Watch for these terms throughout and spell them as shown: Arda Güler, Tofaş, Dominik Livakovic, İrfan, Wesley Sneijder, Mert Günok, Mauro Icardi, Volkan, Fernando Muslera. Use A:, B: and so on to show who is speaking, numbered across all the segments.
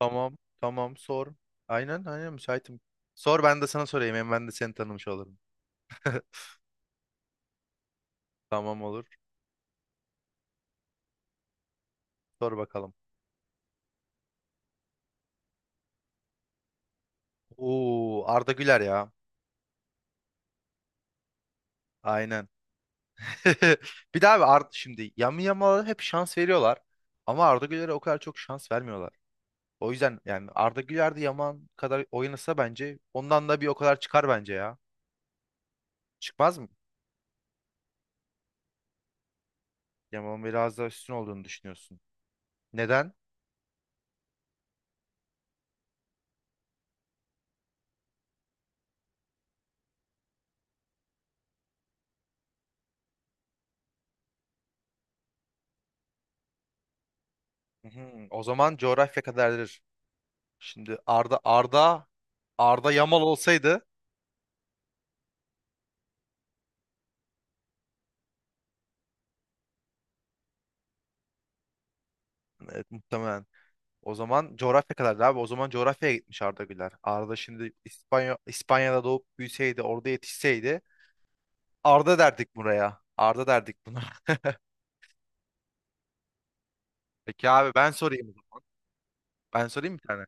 A: Tamam, tamam sor. Aynen, aynen müsaitim. Sor ben de sana sorayım. Hem ben de seni tanımış olurum. Tamam olur. Sor bakalım. Oo, Arda Güler ya. Aynen. Bir daha abi Arda şimdi Yamal'a hep şans veriyorlar. Ama Arda Güler'e o kadar çok şans vermiyorlar. O yüzden yani Arda Güler de Yaman kadar oynasa bence ondan da bir o kadar çıkar bence ya. Çıkmaz mı? Yaman'ın biraz daha üstün olduğunu düşünüyorsun. Neden? Hı hı. O zaman coğrafya kadardır. Şimdi Arda Yamal olsaydı. Evet, muhtemelen o zaman coğrafya kadardı abi. O zaman coğrafyaya gitmiş Arda Güler. Arda şimdi İspanya'da doğup büyüseydi, orada yetişseydi Arda derdik buraya. Arda derdik buna. Peki abi ben sorayım o zaman. Ben sorayım bir tane.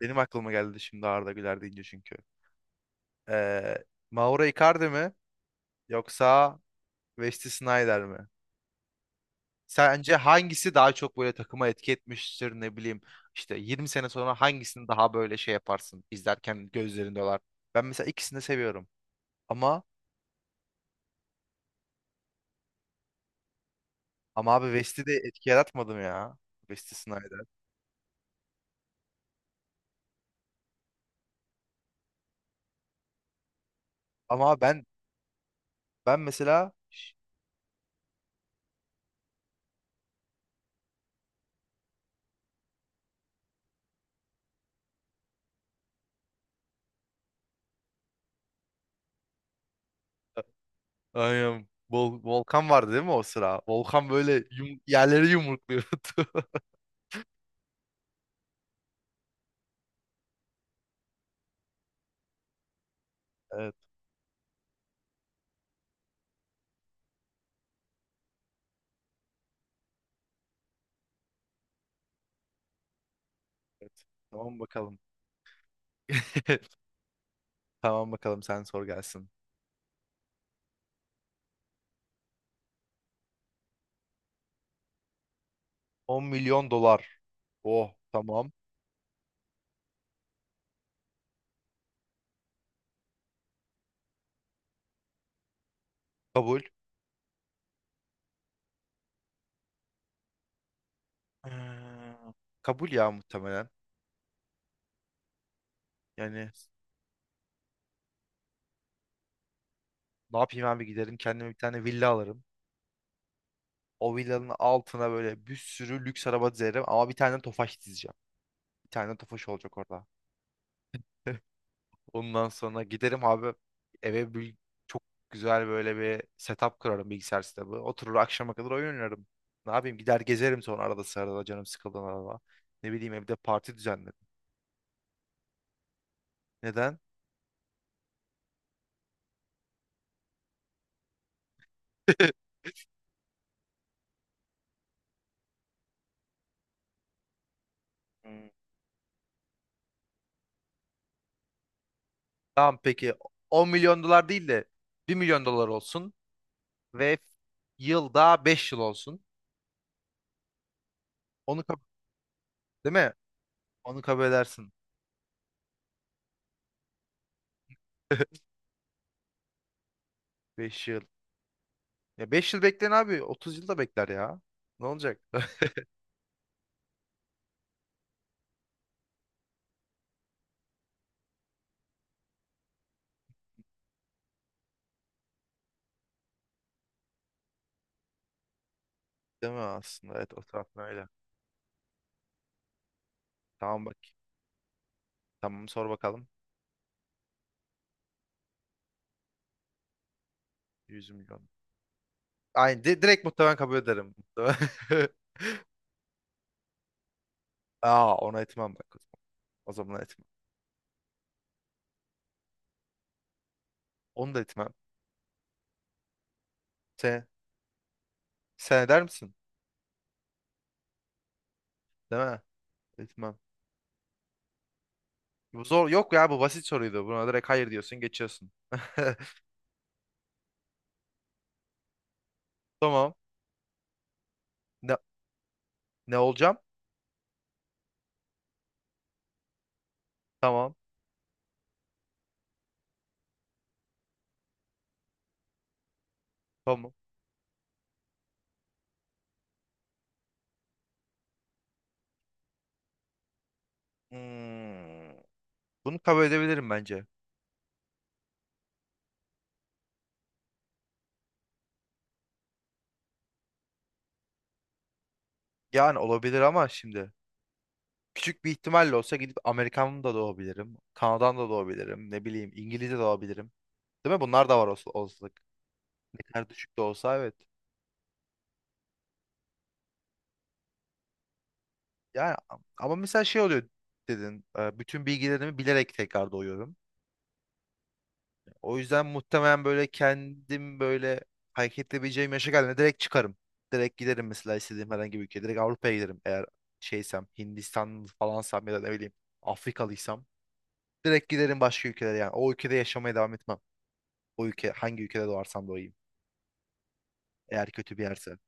A: Benim aklıma geldi şimdi Arda Güler deyince çünkü. Ee, Mauro Icardi mi yoksa Wesley Sneijder mi? Sence hangisi daha çok böyle takıma etki etmiştir, ne bileyim işte 20 sene sonra hangisini daha böyle şey yaparsın izlerken gözlerinde olar. Ben mesela ikisini de seviyorum. Ama ama abi West'i de etki yaratmadım ya. Wesley Snyder. Ama ben mesela aynen. Volkan vardı değil mi o sıra? Volkan böyle yerleri yumrukluyordu. Evet, evet. Tamam bakalım. Tamam bakalım sen sor gelsin. 10 milyon dolar. Oh, tamam. Kabul. Hmm, kabul ya muhtemelen. Yani ne yapayım abi, giderim kendime bir tane villa alırım. O villanın altına böyle bir sürü lüks araba dizerim ama bir tane Tofaş dizeceğim. Bir tane Tofaş olacak orada. Ondan sonra giderim abi eve bir, çok güzel böyle bir setup kurarım, bilgisayar setup'ı. Oturur akşama kadar oyun oynarım. Ne yapayım, gider gezerim sonra arada sırada canım sıkıldığında arada. Ne bileyim evde parti düzenlerim. Neden? Hmm. Tamam peki 10 milyon dolar değil de 1 milyon dolar olsun. Ve yılda 5 yıl olsun. Onu kabul, değil mi? Onu kabul edersin. 5 yıl. Ya 5 yıl bekleyin abi. 30 yıl da bekler ya. Ne olacak? Değil mi aslında? Evet, o taraftan öyle. Tamam bak. Tamam sor bakalım. 100 milyon. Aynı. Direkt muhtemelen kabul ederim. Aa, ona etmem bak. O zaman etmem. Onu da etmem. Sen, sen eder misin? Değil mi? Etmem. Bu zor. Yok ya, bu basit soruydu. Buna direkt hayır diyorsun, geçiyorsun. Tamam. Ne, ne olacağım? Tamam. Tamam. Hmm, bunu kabul edebilirim bence. Yani olabilir ama şimdi küçük bir ihtimalle olsa gidip Amerikan da doğabilirim. Kanada'dan da doğabilirim. Ne bileyim İngilizce de doğabilirim. Değil mi? Bunlar da var olsa, olasılık. Ne kadar düşük de olsa evet. Yani ama mesela şey oluyor dedin. Bütün bilgilerimi bilerek tekrar doğuyorum. O yüzden muhtemelen böyle kendim böyle hareket edebileceğim yaşa geldiğinde direkt çıkarım. Direkt giderim mesela istediğim herhangi bir ülkeye. Direkt Avrupa'ya giderim eğer şeysem, Hindistan falansam ya da ne bileyim Afrikalıysam. Direkt giderim başka ülkelere yani. O ülkede yaşamaya devam etmem. O ülke, hangi ülkede doğarsam doğayım. Eğer kötü bir yerse.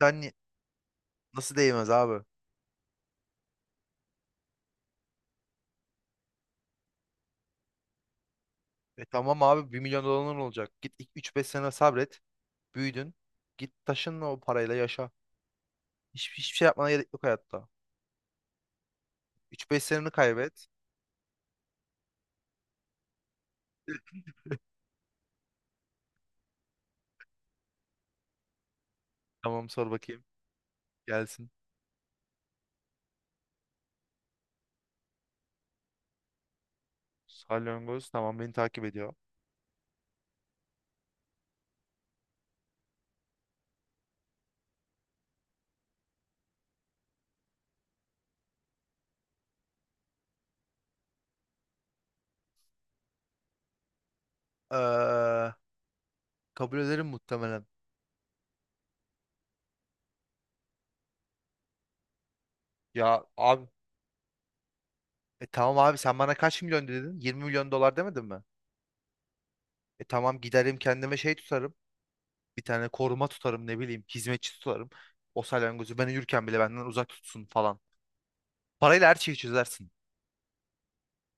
A: Sen ni- Nasıl değmez abi? E tamam abi, 1 milyon doların olacak. Git, ilk 3-5 sene sabret. Büyüdün. Git taşınla o parayla yaşa. Hiçbir şey yapmana gerek yok hayatta. Üç beş seneni kaybet. Tamam sor bakayım. Gelsin. Salyangoz, tamam, beni takip ediyor. Ee, Kabul ederim muhtemelen. Ya abi, tamam abi sen bana kaç milyon dedin? 20 milyon dolar demedin mi? E tamam giderim kendime şey tutarım. Bir tane koruma tutarım, ne bileyim hizmetçi tutarım. O salyangozu ben uyurken bile benden uzak tutsun falan. Parayla her şeyi çözersin.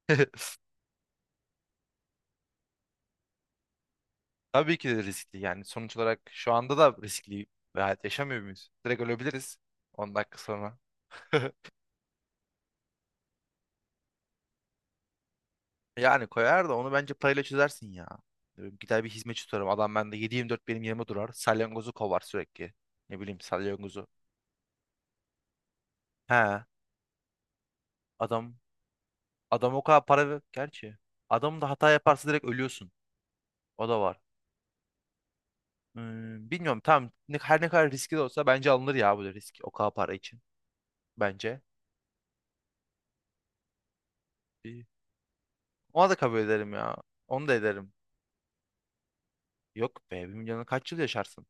A: Tabii ki de riskli, yani sonuç olarak şu anda da riskli bir hayat yaşamıyor muyuz? Direkt ölebiliriz 10 dakika sonra. Yani koyar da onu bence parayla çözersin ya. Gider bir hizmetçi tutarım. Adam bende 7/24 benim yerime durar. Salyangozu kovar sürekli. Ne bileyim salyangozu. He, adam adam o kadar para ver. Gerçi adam da hata yaparsa direkt ölüyorsun. O da var. Hmm, bilmiyorum tam ne, her ne kadar riskli de olsa bence alınır ya bu risk o kadar para için bence. Bir- Ona da kabul ederim ya. Onu da ederim. Yok be, 1 milyonu kaç yıl yaşarsın?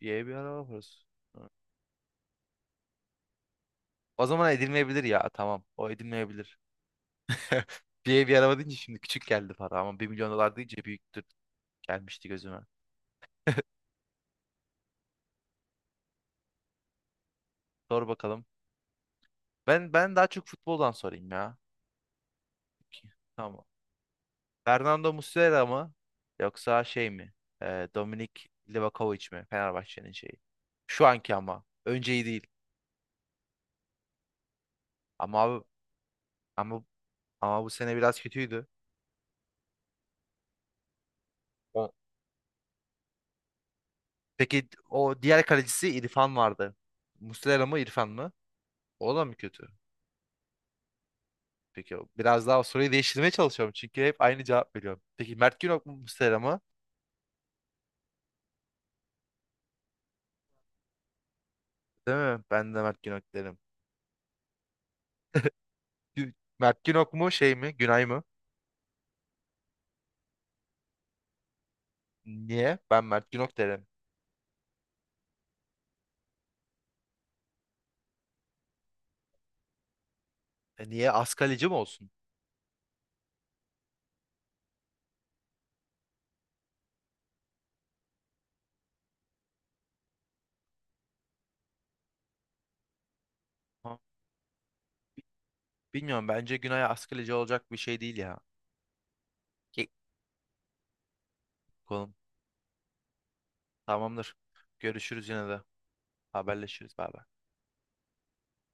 A: Bir ev, bir araba parası. Hı. O zaman edilmeyebilir ya, tamam o edilmeyebilir. Bir ev bir araba deyince şimdi küçük geldi para ama 1 milyon dolar deyince büyüktür gelmişti gözüme. Sor bakalım. Ben daha çok futboldan sorayım ya. Peki. Tamam. Fernando Muslera mı? Yoksa şey mi? Dominik Livakovic mi? Fenerbahçe'nin şeyi. Şu anki ama. Önceyi değil. Ama abi, ama ama bu sene biraz kötüydü. O- Peki o diğer kalecisi İrfan vardı. Muslera mı İrfan mı? O da mı kötü? Peki biraz daha soruyu değiştirmeye çalışıyorum. Çünkü hep aynı cevap veriyorum. Peki Mert Günok mu Muslera mı? Değil mi? Ben de Mert Günok derim. Mert Günok mu şey mi? Günay mı? Niye? Ben Mert Günok derim. E niye? Az kaleci mi olsun? Bilmiyorum bence Günay askıleci olacak bir şey değil ya. Ki- Kolum. Tamamdır. Görüşürüz yine de. Haberleşiriz. Bay bay.